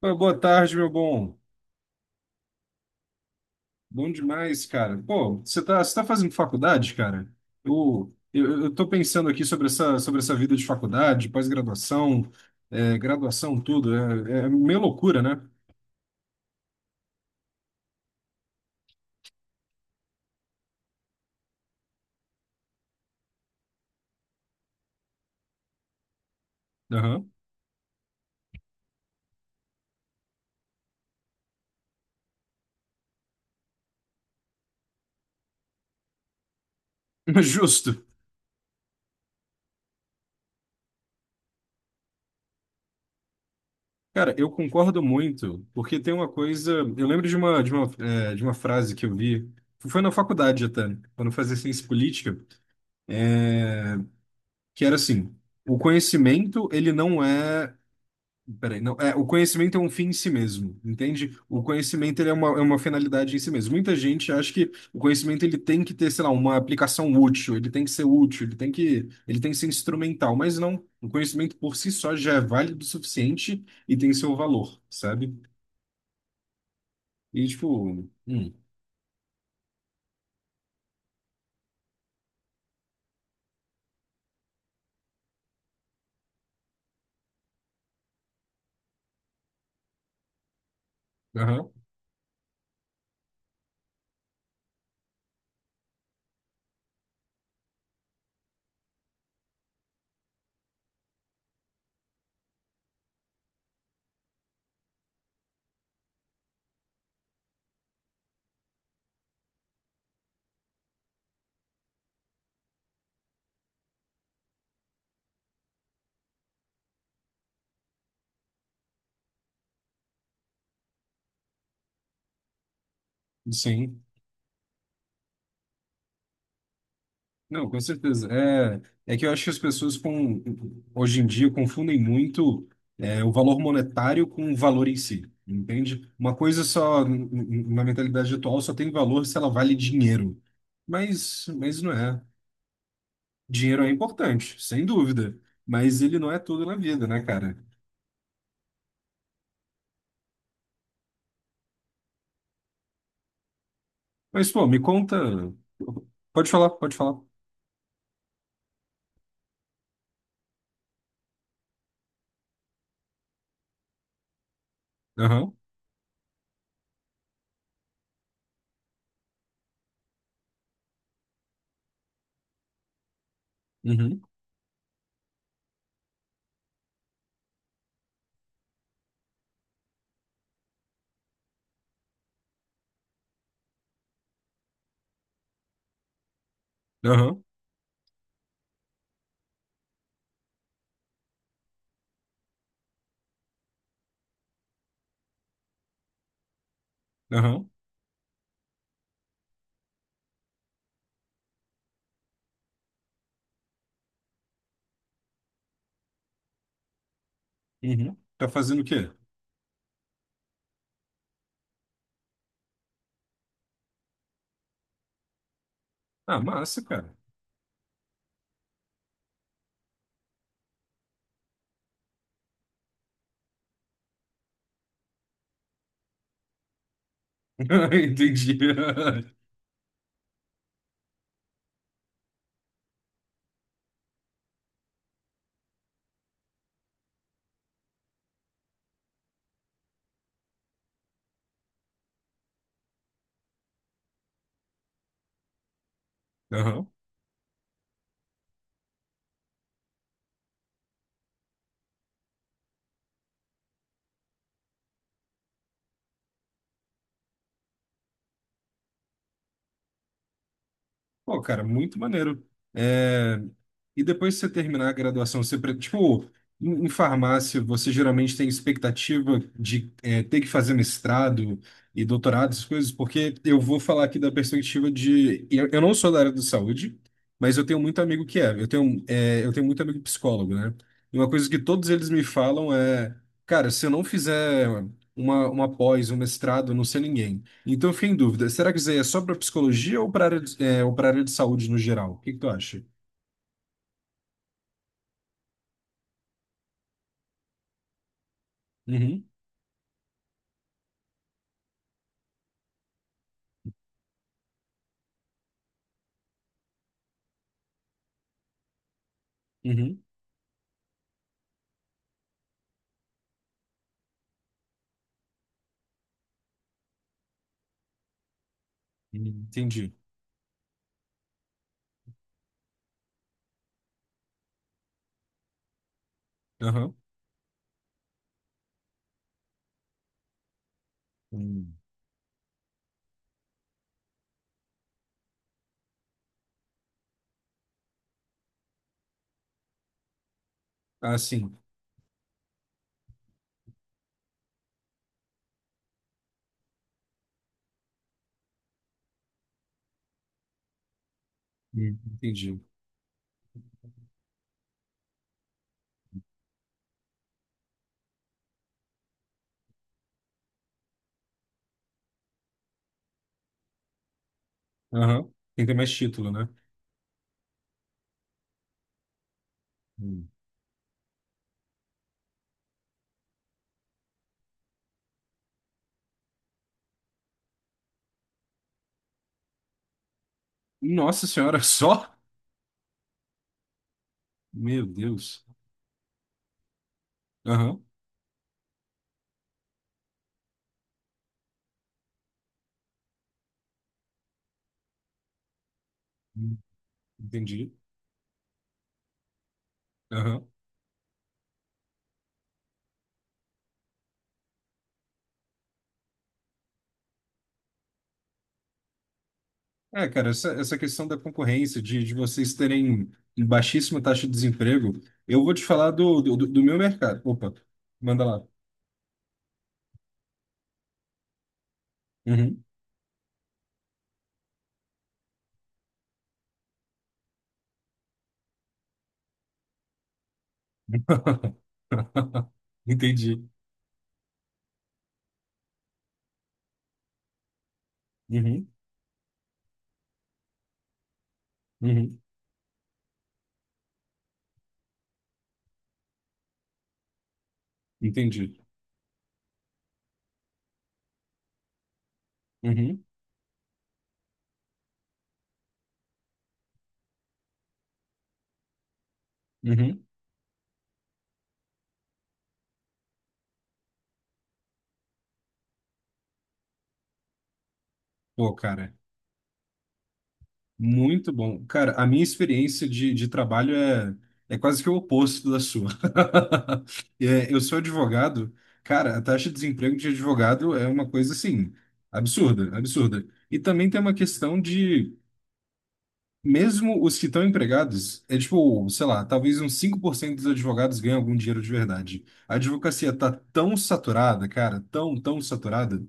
Pô, boa tarde, meu bom. Bom demais, cara. Pô, você tá fazendo faculdade, cara? Eu tô pensando aqui sobre essa vida de faculdade, pós-graduação, graduação, tudo. É meio loucura, né? Aham. Justo. Cara, eu concordo muito, porque tem uma coisa. Eu lembro de uma frase que eu vi, foi na faculdade até, quando eu fazia ciência política, que era assim: o conhecimento, ele não é. Peraí, não, o conhecimento é um fim em si mesmo, entende? O conhecimento ele é uma finalidade em si mesmo. Muita gente acha que o conhecimento ele tem que ter, sei lá, uma aplicação útil, ele tem que ser útil, ele tem que ser instrumental, mas não. O conhecimento por si só já é válido o suficiente e tem seu valor, sabe? E tipo, aham, sim. Não, com certeza. É que eu acho que as pessoas hoje em dia confundem muito o valor monetário com o valor em si, entende? Uma coisa só, na mentalidade atual, só tem valor se ela vale dinheiro. Mas não é. Dinheiro é importante, sem dúvida. Mas ele não é tudo na vida, né, cara? Mas, pô, me conta. Pode falar, pode falar. Aham, uhum, aham, aham, uhum. Tá fazendo o quê? Ah, massa, cara. Entendi. Aham. Pô, cara, muito maneiro. É, E depois que você terminar a graduação, você, tipo, em farmácia, você geralmente tem expectativa de ter que fazer mestrado e doutorado, essas coisas, porque eu vou falar aqui da perspectiva de. Eu não sou da área da saúde, mas eu tenho muito amigo que é. Eu tenho muito amigo psicólogo, né? E uma coisa que todos eles me falam é, cara, se eu não fizer uma pós, um mestrado, eu não sei ninguém. Então, eu fiquei em dúvida. Será que isso aí é só para psicologia ou para área de, é, ou para área de saúde no geral? O que que tu acha? Uhum, uhum. Entendi. Aham. Hum. Ah, sim. Entendi. Aham. Tem que ter mais título, né? Hum. Nossa senhora, só? Meu Deus. Aham. Hum, entendi. Aham. É, cara, essa questão da concorrência, de vocês terem baixíssima taxa de desemprego, eu vou te falar do meu mercado. Opa, manda lá. Uhum. Entendi. Uhum, uhum, entendi. Uhum, uhum. Pô, cara, muito bom. Cara, a minha experiência de trabalho é quase que o oposto da sua. Eu sou advogado, cara, a taxa de desemprego de advogado é uma coisa assim, absurda, absurda. E também tem uma questão de. Mesmo os que estão empregados, é tipo, sei lá, talvez uns 5% dos advogados ganhem algum dinheiro de verdade. A advocacia tá tão saturada, cara, tão, tão saturada,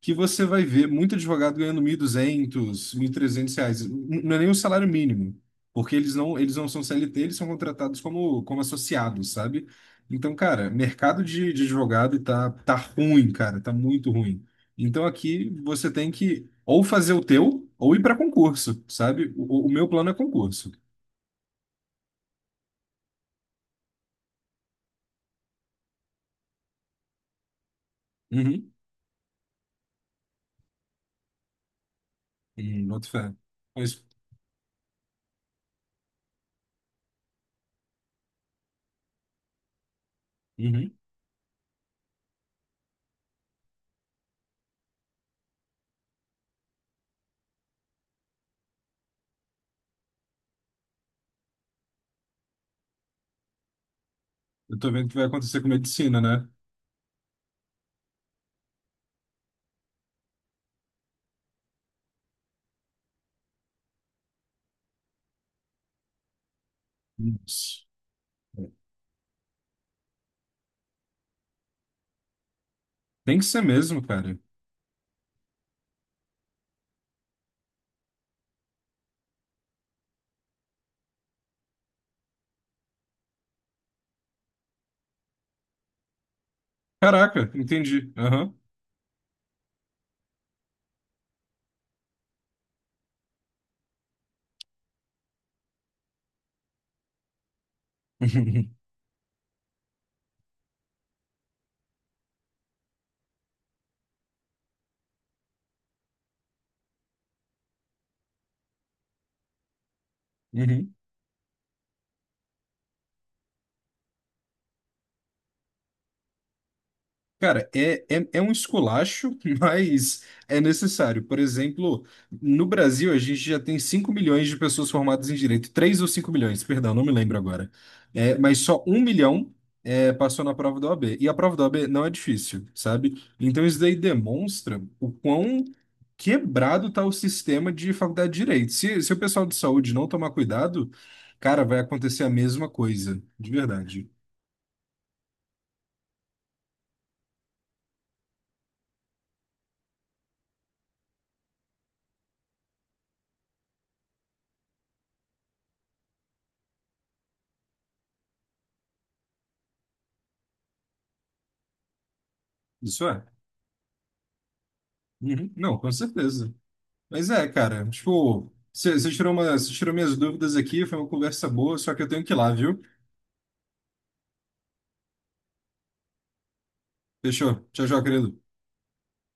que você vai ver muito advogado ganhando 1.200, trezentos reais. Não é nem o salário mínimo, porque eles não são CLT, eles são contratados como associados, sabe? Então, cara, mercado de advogado tá ruim, cara, tá muito ruim. Então aqui você tem que ou fazer o teu ou ir para concurso, sabe? O meu plano é concurso. Uhum. Boto fé. Mas, uhum. Eu tô vendo o que vai acontecer com medicina, né? Nossa. Tem que ser mesmo, cara. Caraca, entendi. Aham. Uhum. Cara, é um esculacho, mas é necessário. Por exemplo, no Brasil, a gente já tem 5 milhões de pessoas formadas em direito. 3 ou 5 milhões, perdão, não me lembro agora. Mas só 1 milhão passou na prova da OAB. E a prova da OAB não é difícil, sabe? Então isso daí demonstra o quão quebrado está o sistema de faculdade de direito. Se o pessoal de saúde não tomar cuidado, cara, vai acontecer a mesma coisa, de verdade. Isso é. Uhum. Não, com certeza. Mas é, cara, tipo, você você tirou minhas dúvidas aqui, foi uma conversa boa, só que eu tenho que ir lá, viu? Fechou. Tchau, tchau, querido.